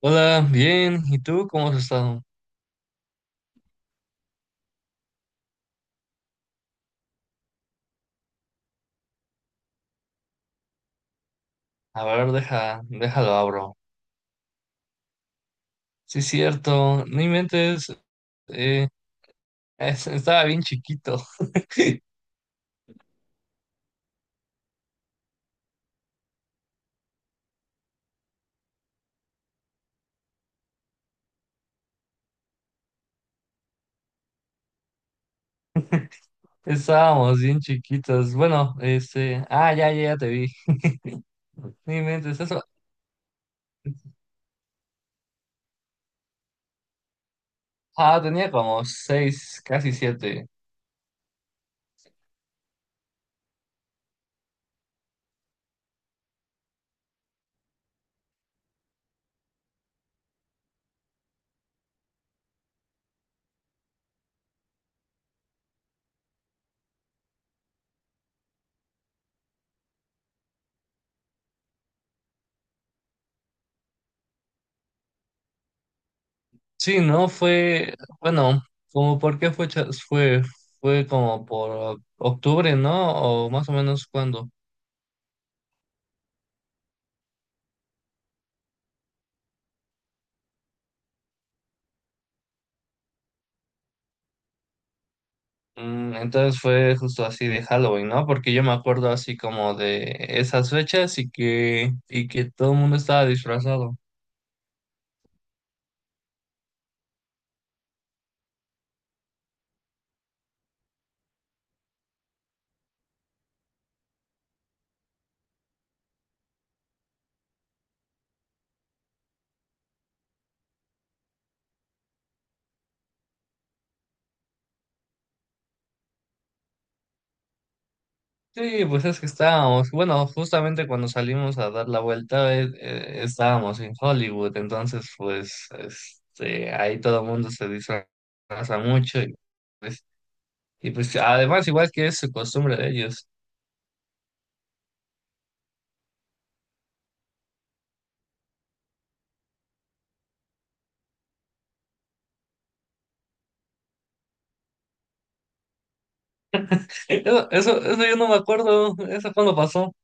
Hola, bien. ¿Y tú cómo has estado? A ver, deja, déjalo abro. Sí, es cierto. No inventes. eh, Estaba bien chiquito. Estábamos bien chiquitos. Bueno, Ah, ya, ya, ya te vi. No inventes eso. Ah, tenía como seis, casi siete. Sí, no fue. Bueno, como por qué fue, cha- fue, fue como por octubre, ¿no? O más o menos cuando. Entonces fue justo así de Halloween, ¿no? Porque yo me acuerdo así como de esas fechas y que todo el mundo estaba disfrazado. Sí, pues es que estábamos, bueno, justamente cuando salimos a dar la vuelta, estábamos en Hollywood, entonces pues este, ahí todo el mundo se disfraza mucho pues, y pues además igual que es su costumbre de ellos. Eso yo no me acuerdo, ¿eso cuándo pasó?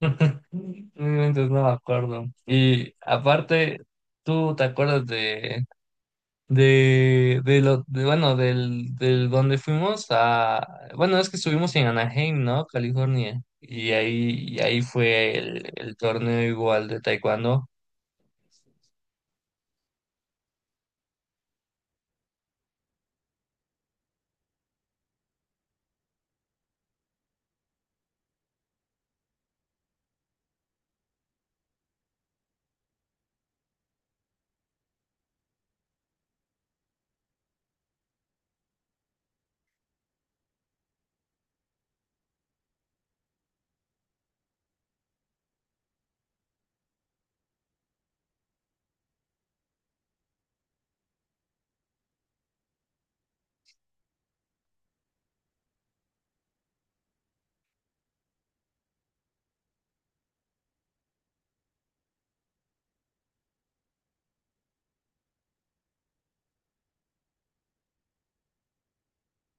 Entonces no me acuerdo. Y aparte, ¿tú te acuerdas de lo, de, bueno, del donde fuimos a, bueno, es que estuvimos en Anaheim, ¿no? California. Y ahí fue el torneo igual de taekwondo.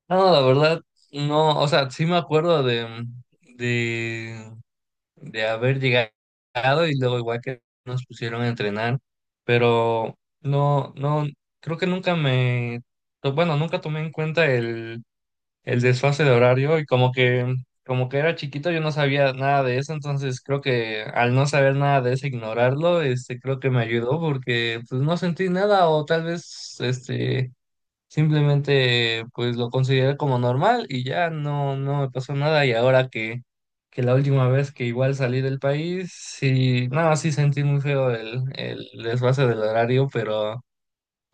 No, la verdad, no, o sea, sí me acuerdo de, de haber llegado y luego igual que nos pusieron a entrenar, pero creo que nunca me, to- bueno, nunca tomé en cuenta el desfase de horario como que era chiquito yo no sabía nada de eso, entonces creo que al no saber nada de eso, ignorarlo, este, creo que me ayudó porque pues no sentí nada o tal vez, este... Simplemente pues lo consideré como normal y ya no me pasó nada y ahora que la última vez que igual salí del país, sí, no, sí sentí muy feo el desfase del horario, pero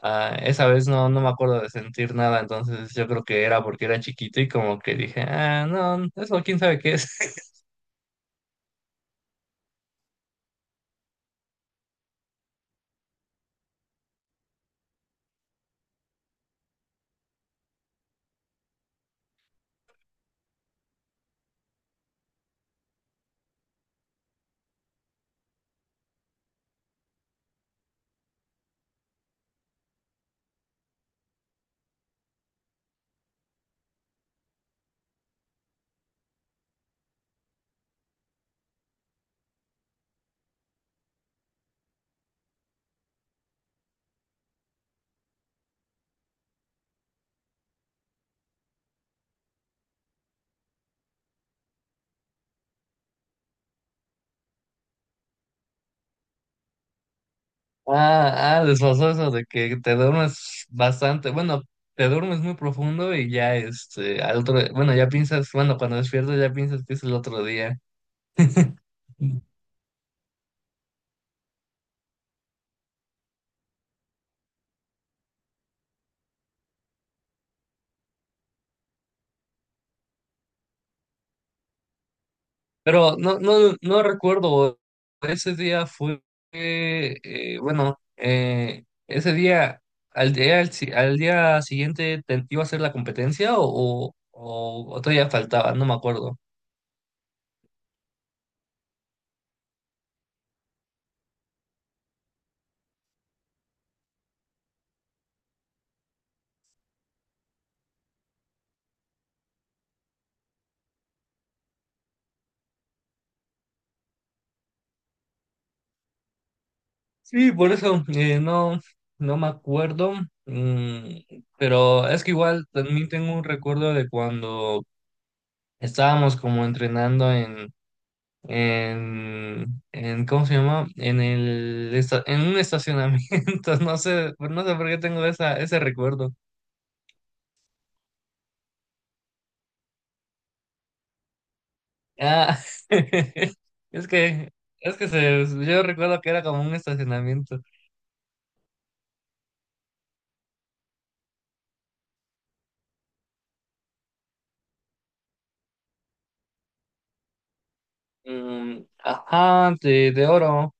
ah, esa vez no, no me acuerdo de sentir nada, entonces yo creo que era porque era chiquito y como que dije, ah, no, eso quién sabe qué es. Ah, ah, les pasó eso de que te duermes bastante, bueno, te duermes muy profundo y ya, este, al otro, bueno, ya piensas, bueno, cuando despiertas ya piensas que es el otro día. Pero no recuerdo, ese día fue, bueno, ese día, al, si- al día siguiente, ¿te iba a hacer la competencia o todavía faltaba? No me acuerdo. Sí, por eso no, no me acuerdo, mm, pero es que igual también tengo un recuerdo de cuando estábamos como entrenando en, en ¿cómo se llama? En un estacionamiento, no sé, no sé por qué tengo ese recuerdo. Ah, es que, yo recuerdo que era como un estacionamiento. Mm, ajá, de oro.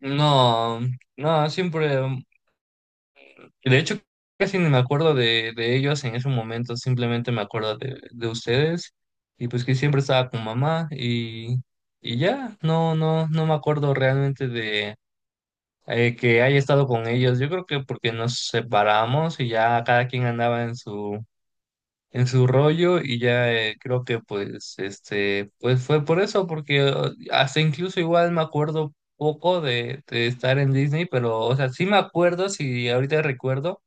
No, no, siempre. De hecho, casi ni me acuerdo de ellos en ese momento, simplemente me acuerdo de ustedes y pues que siempre estaba con mamá y ya, no me acuerdo realmente de que haya estado con ellos. Yo creo que porque nos separamos y ya cada quien andaba en su rollo y ya creo que pues, este, pues fue por eso, porque hasta incluso igual me acuerdo poco de estar en Disney, pero o sea, sí me acuerdo, si ahorita recuerdo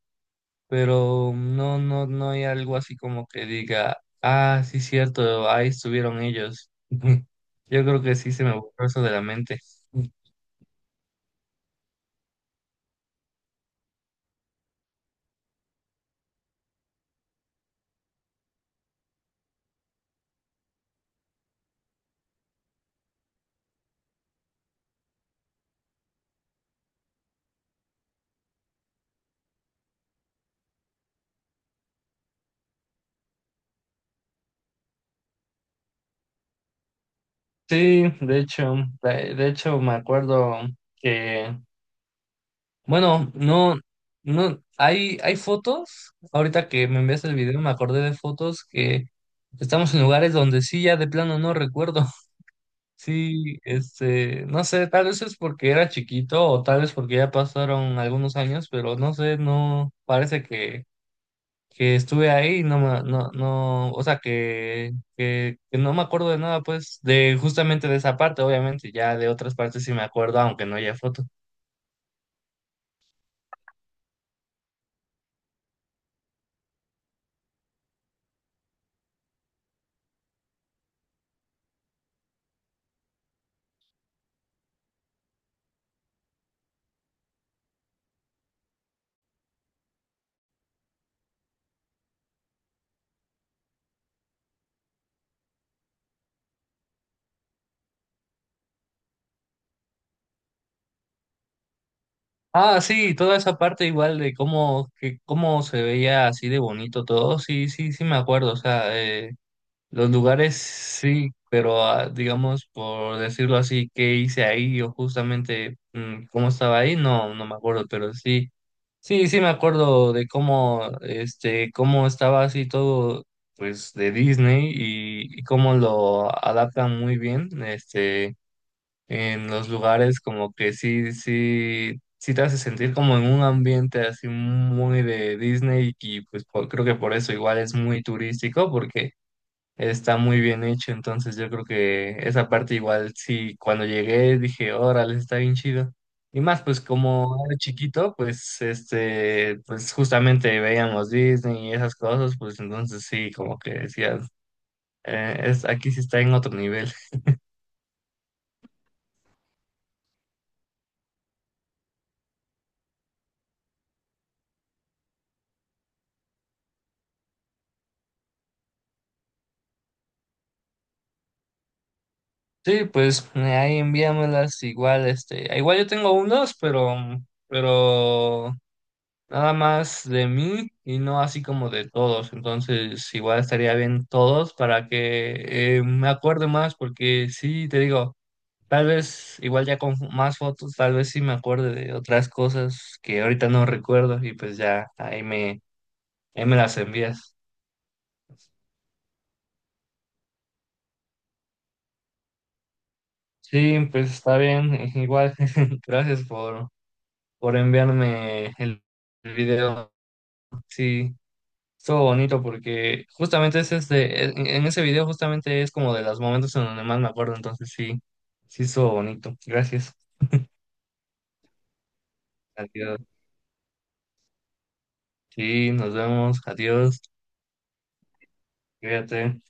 pero no hay algo así como que diga, ah, sí, cierto, ahí estuvieron ellos. Yo creo que sí se me borró eso de la mente. Sí, de hecho, de hecho me acuerdo que, bueno, no, no, hay fotos, ahorita que me envías el video me acordé de fotos que estamos en lugares donde sí ya de plano no recuerdo. Sí, este, no sé, tal vez es porque era chiquito o tal vez porque ya pasaron algunos años, pero no sé, no, parece que estuve ahí y no, o sea, que no me acuerdo de nada, pues, de justamente de esa parte, obviamente, ya de otras partes sí me acuerdo, aunque no haya foto. Ah, sí, toda esa parte igual de cómo, que, cómo se veía así de bonito todo, sí, sí, sí me acuerdo, o sea, los lugares sí, pero ah, digamos, por decirlo así, qué hice ahí o justamente mm, cómo estaba ahí, no, no me acuerdo, pero sí, sí, sí me acuerdo de cómo, este, cómo estaba así todo, pues, de Disney y cómo lo adaptan muy bien, este, en los lugares como que sí, sí, sí te hace sentir como en un ambiente así muy de Disney y pues por- creo que por eso igual es muy turístico porque está muy bien hecho, entonces yo creo que esa parte igual sí, cuando llegué dije, órale, está bien chido. Y más, pues como era chiquito, pues este, pues justamente veíamos Disney y esas cosas, pues entonces sí, como que decías, aquí sí está en otro nivel. Sí, pues ahí envíamelas igual, este, igual yo tengo unos, pero nada más de mí y no así como de todos. Entonces, igual estaría bien todos para que me acuerde más, porque sí, te digo, tal vez igual ya con más fotos, tal vez sí me acuerde de otras cosas que ahorita no recuerdo y pues ya ahí me las envías. Sí, pues está bien, igual. Gracias por, por enviarme el video. Sí. Estuvo bonito porque justamente es en ese video justamente es como de los momentos en donde más me acuerdo, entonces sí, sí estuvo bonito. Gracias. Adiós. Sí, nos vemos. Adiós. Cuídate.